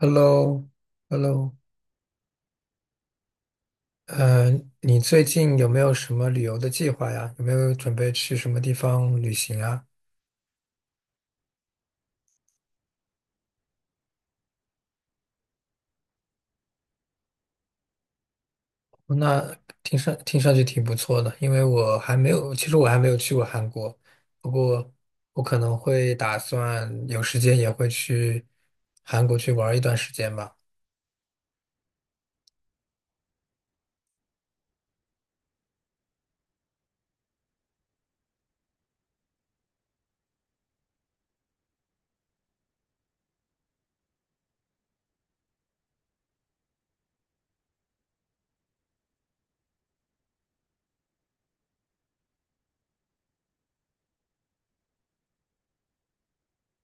Hello,Hello,呃，你最近有没有什么旅游的计划呀？有没有准备去什么地方旅行啊？哦那听上去挺不错的，因为我还没有，其实我还没有去过韩国，不过我可能会打算有时间也会去韩国去玩一段时间吧。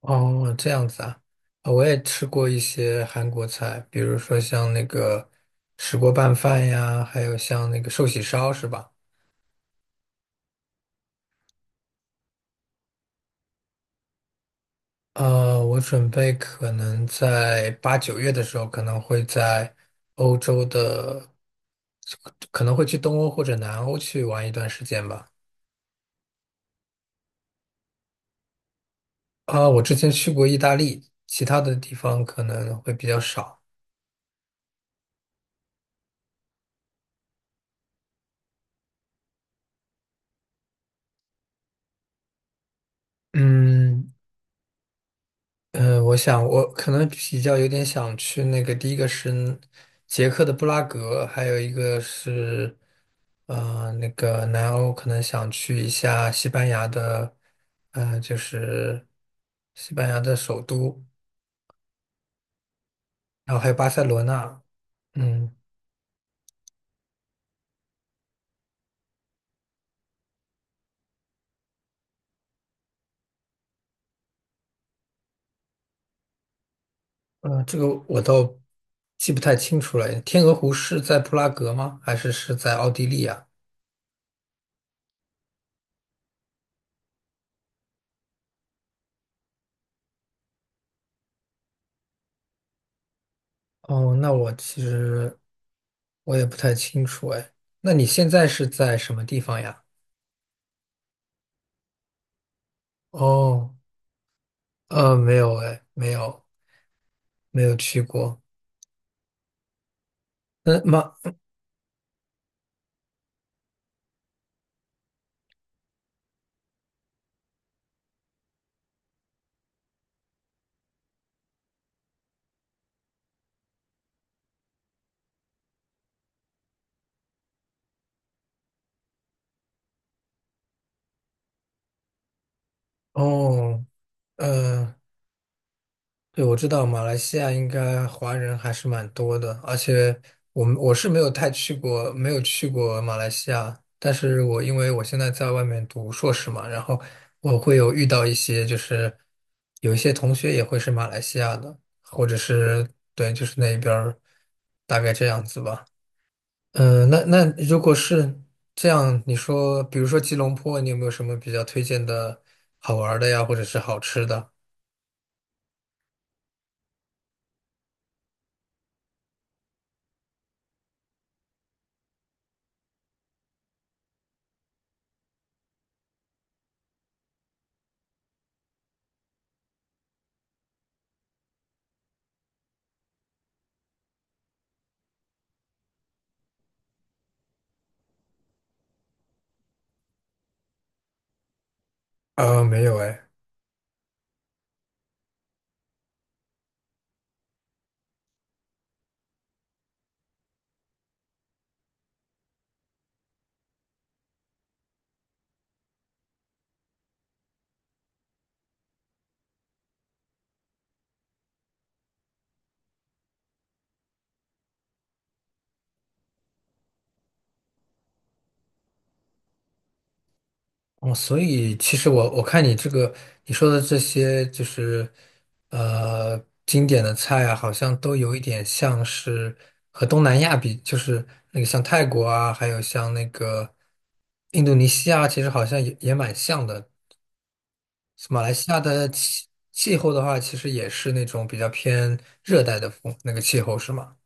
哦，这样子啊，啊我也吃过一些韩国菜，比如说像那个石锅拌饭呀，还有像那个寿喜烧，是吧？我准备可能在八九月的时候，可能会在欧洲的，可能会去东欧或者南欧去玩一段时间吧。啊，我之前去过意大利，其他的地方可能会比较少。嗯。我想我可能比较有点想去那个，第一个是捷克的布拉格，还有一个是。那个南欧可能想去一下西班牙的，嗯，就是西班牙的首都，然后还有巴塞罗那。嗯。这个我倒记不太清楚了。天鹅湖是在布拉格吗？还是在奥地利啊？哦，那我其实我也不太清楚哎。那你现在是在什么地方呀？哦。没有哎，没有，没有去过。那马，哦。呃对，我知道马来西亚应该华人还是蛮多的，而且我是没有太去过，没有去过马来西亚，但是因为我现在在外面读硕士嘛，然后我会有遇到一些就是有一些同学也会是马来西亚的，或者是对，就是那边儿大概这样子吧。嗯、那那如果是这样，你说比如说吉隆坡，你有没有什么比较推荐的好玩儿的呀，或者是好吃的？啊、没有哎。哦，所以其实我看你这个你说的这些就是经典的菜啊，好像都有一点像是和东南亚比，就是那个像泰国啊，还有像那个印度尼西亚，其实好像也蛮像的。马来西亚的气候的话，其实也是那种比较偏热带的风那个气候，是吗？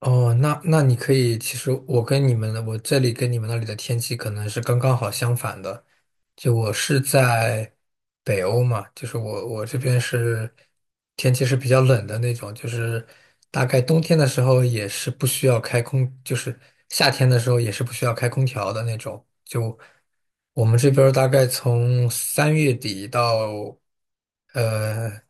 哦，那那你可以，其实我跟你们的，我这里跟你们那里的天气可能是刚刚好相反的。就我是在北欧嘛，就是我这边是天气是比较冷的那种，就是大概冬天的时候也是不需要开空，就是夏天的时候也是不需要开空调的那种。就我们这边儿大概从三月底到呃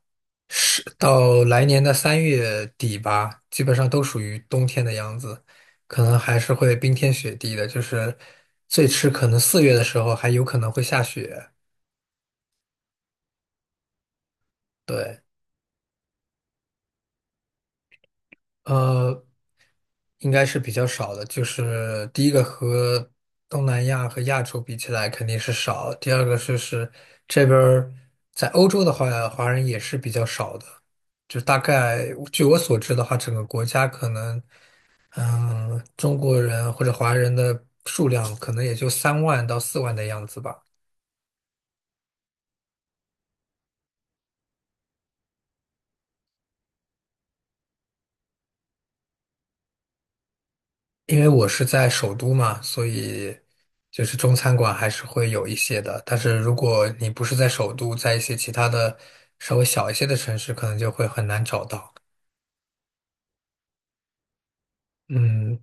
是到来年的三月底吧，基本上都属于冬天的样子。可能还是会冰天雪地的，就是最迟可能四月的时候还有可能会下雪。对。呃，应该是比较少的。就是第一个和东南亚和亚洲比起来肯定是少，第二个就是这边儿在欧洲的话，华人也是比较少的。就大概据我所知的话，整个国家可能，嗯，中国人或者华人的数量可能也就3万到4万的样子吧。因为我是在首都嘛，所以就是中餐馆还是会有一些的。但是如果你不是在首都，在一些其他的稍微小一些的城市，可能就会很难找到。嗯，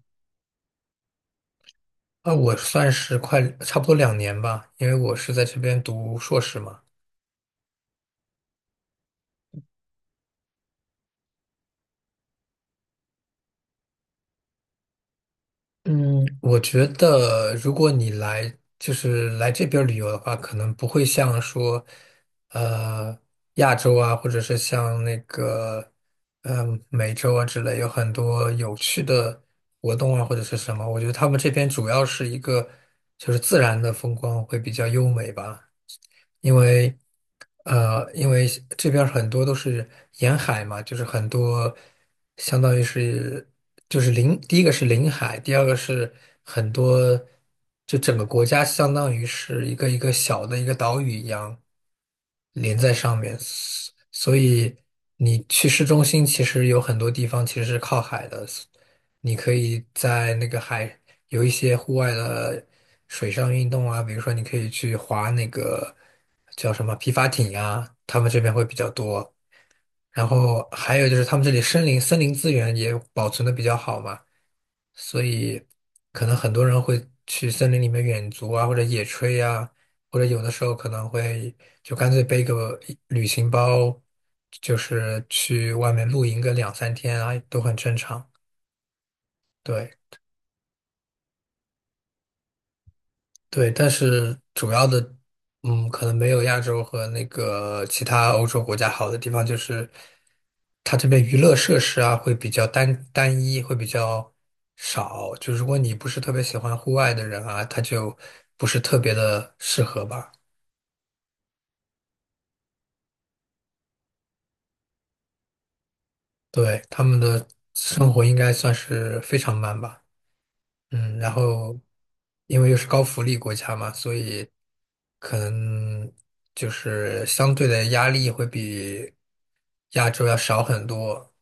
那我算是快差不多2年吧，因为我是在这边读硕士嘛。嗯，我觉得如果你来就是来这边儿旅游的话，可能不会像说，呃，亚洲啊，或者是像那个，嗯、美洲啊之类，有很多有趣的活动啊，或者是什么。我觉得他们这边主要是一个就是自然的风光会比较优美吧。因为因为这边儿很多都是沿海嘛，就是很多相当于是就是临，第一个是临海，第二个是很多，就整个国家相当于是一个一个小的一个岛屿一样连在上面，所以你去市中心其实有很多地方其实是靠海的，你可以在那个海有一些户外的水上运动啊，比如说你可以去划那个叫什么皮划艇啊，他们这边会比较多。然后还有就是他们这里森林资源也保存的比较好嘛，所以可能很多人会去森林里面远足啊，或者野炊啊，或者有的时候可能会就干脆背个一旅行包，就是去外面露营个2, 3天啊，都很正常。对。对，但是主要的，嗯，可能没有亚洲和那个其他欧洲国家好的地方，就是它这边娱乐设施啊会比较单一，会比较少。就如果你不是特别喜欢户外的人啊，他就不是特别的适合吧。对，他们的生活应该算是非常慢吧。嗯，然后因为又是高福利国家嘛，所以可能就是相对的压力会比亚洲要少很多。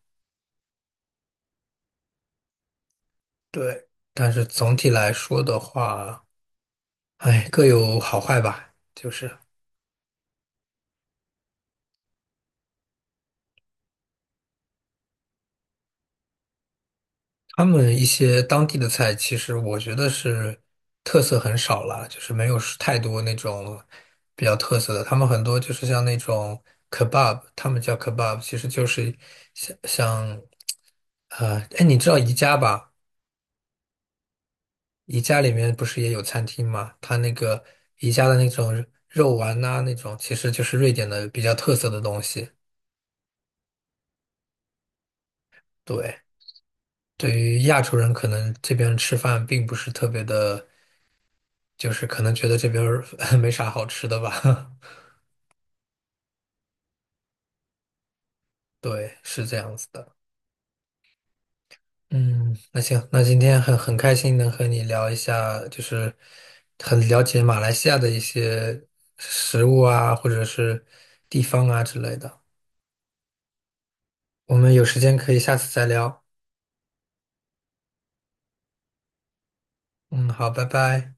对，但是总体来说的话，哎，各有好坏吧，就是。他们一些当地的菜，其实我觉得是特色很少了，就是没有是太多那种比较特色的。他们很多就是像那种 kebab,他们叫 kebab,其实就是像哎，你知道宜家吧？宜家里面不是也有餐厅吗？它那个宜家的那种肉丸呐、那种其实就是瑞典的比较特色的东西。对，对于亚洲人，可能这边吃饭并不是特别的。就是可能觉得这边儿 没啥好吃的吧。对，是这样子的。嗯，那行，那今天很开心能和你聊一下，就是很了解马来西亚的一些食物啊，或者是地方啊之类的。我们有时间可以下次再聊。嗯，好，拜拜。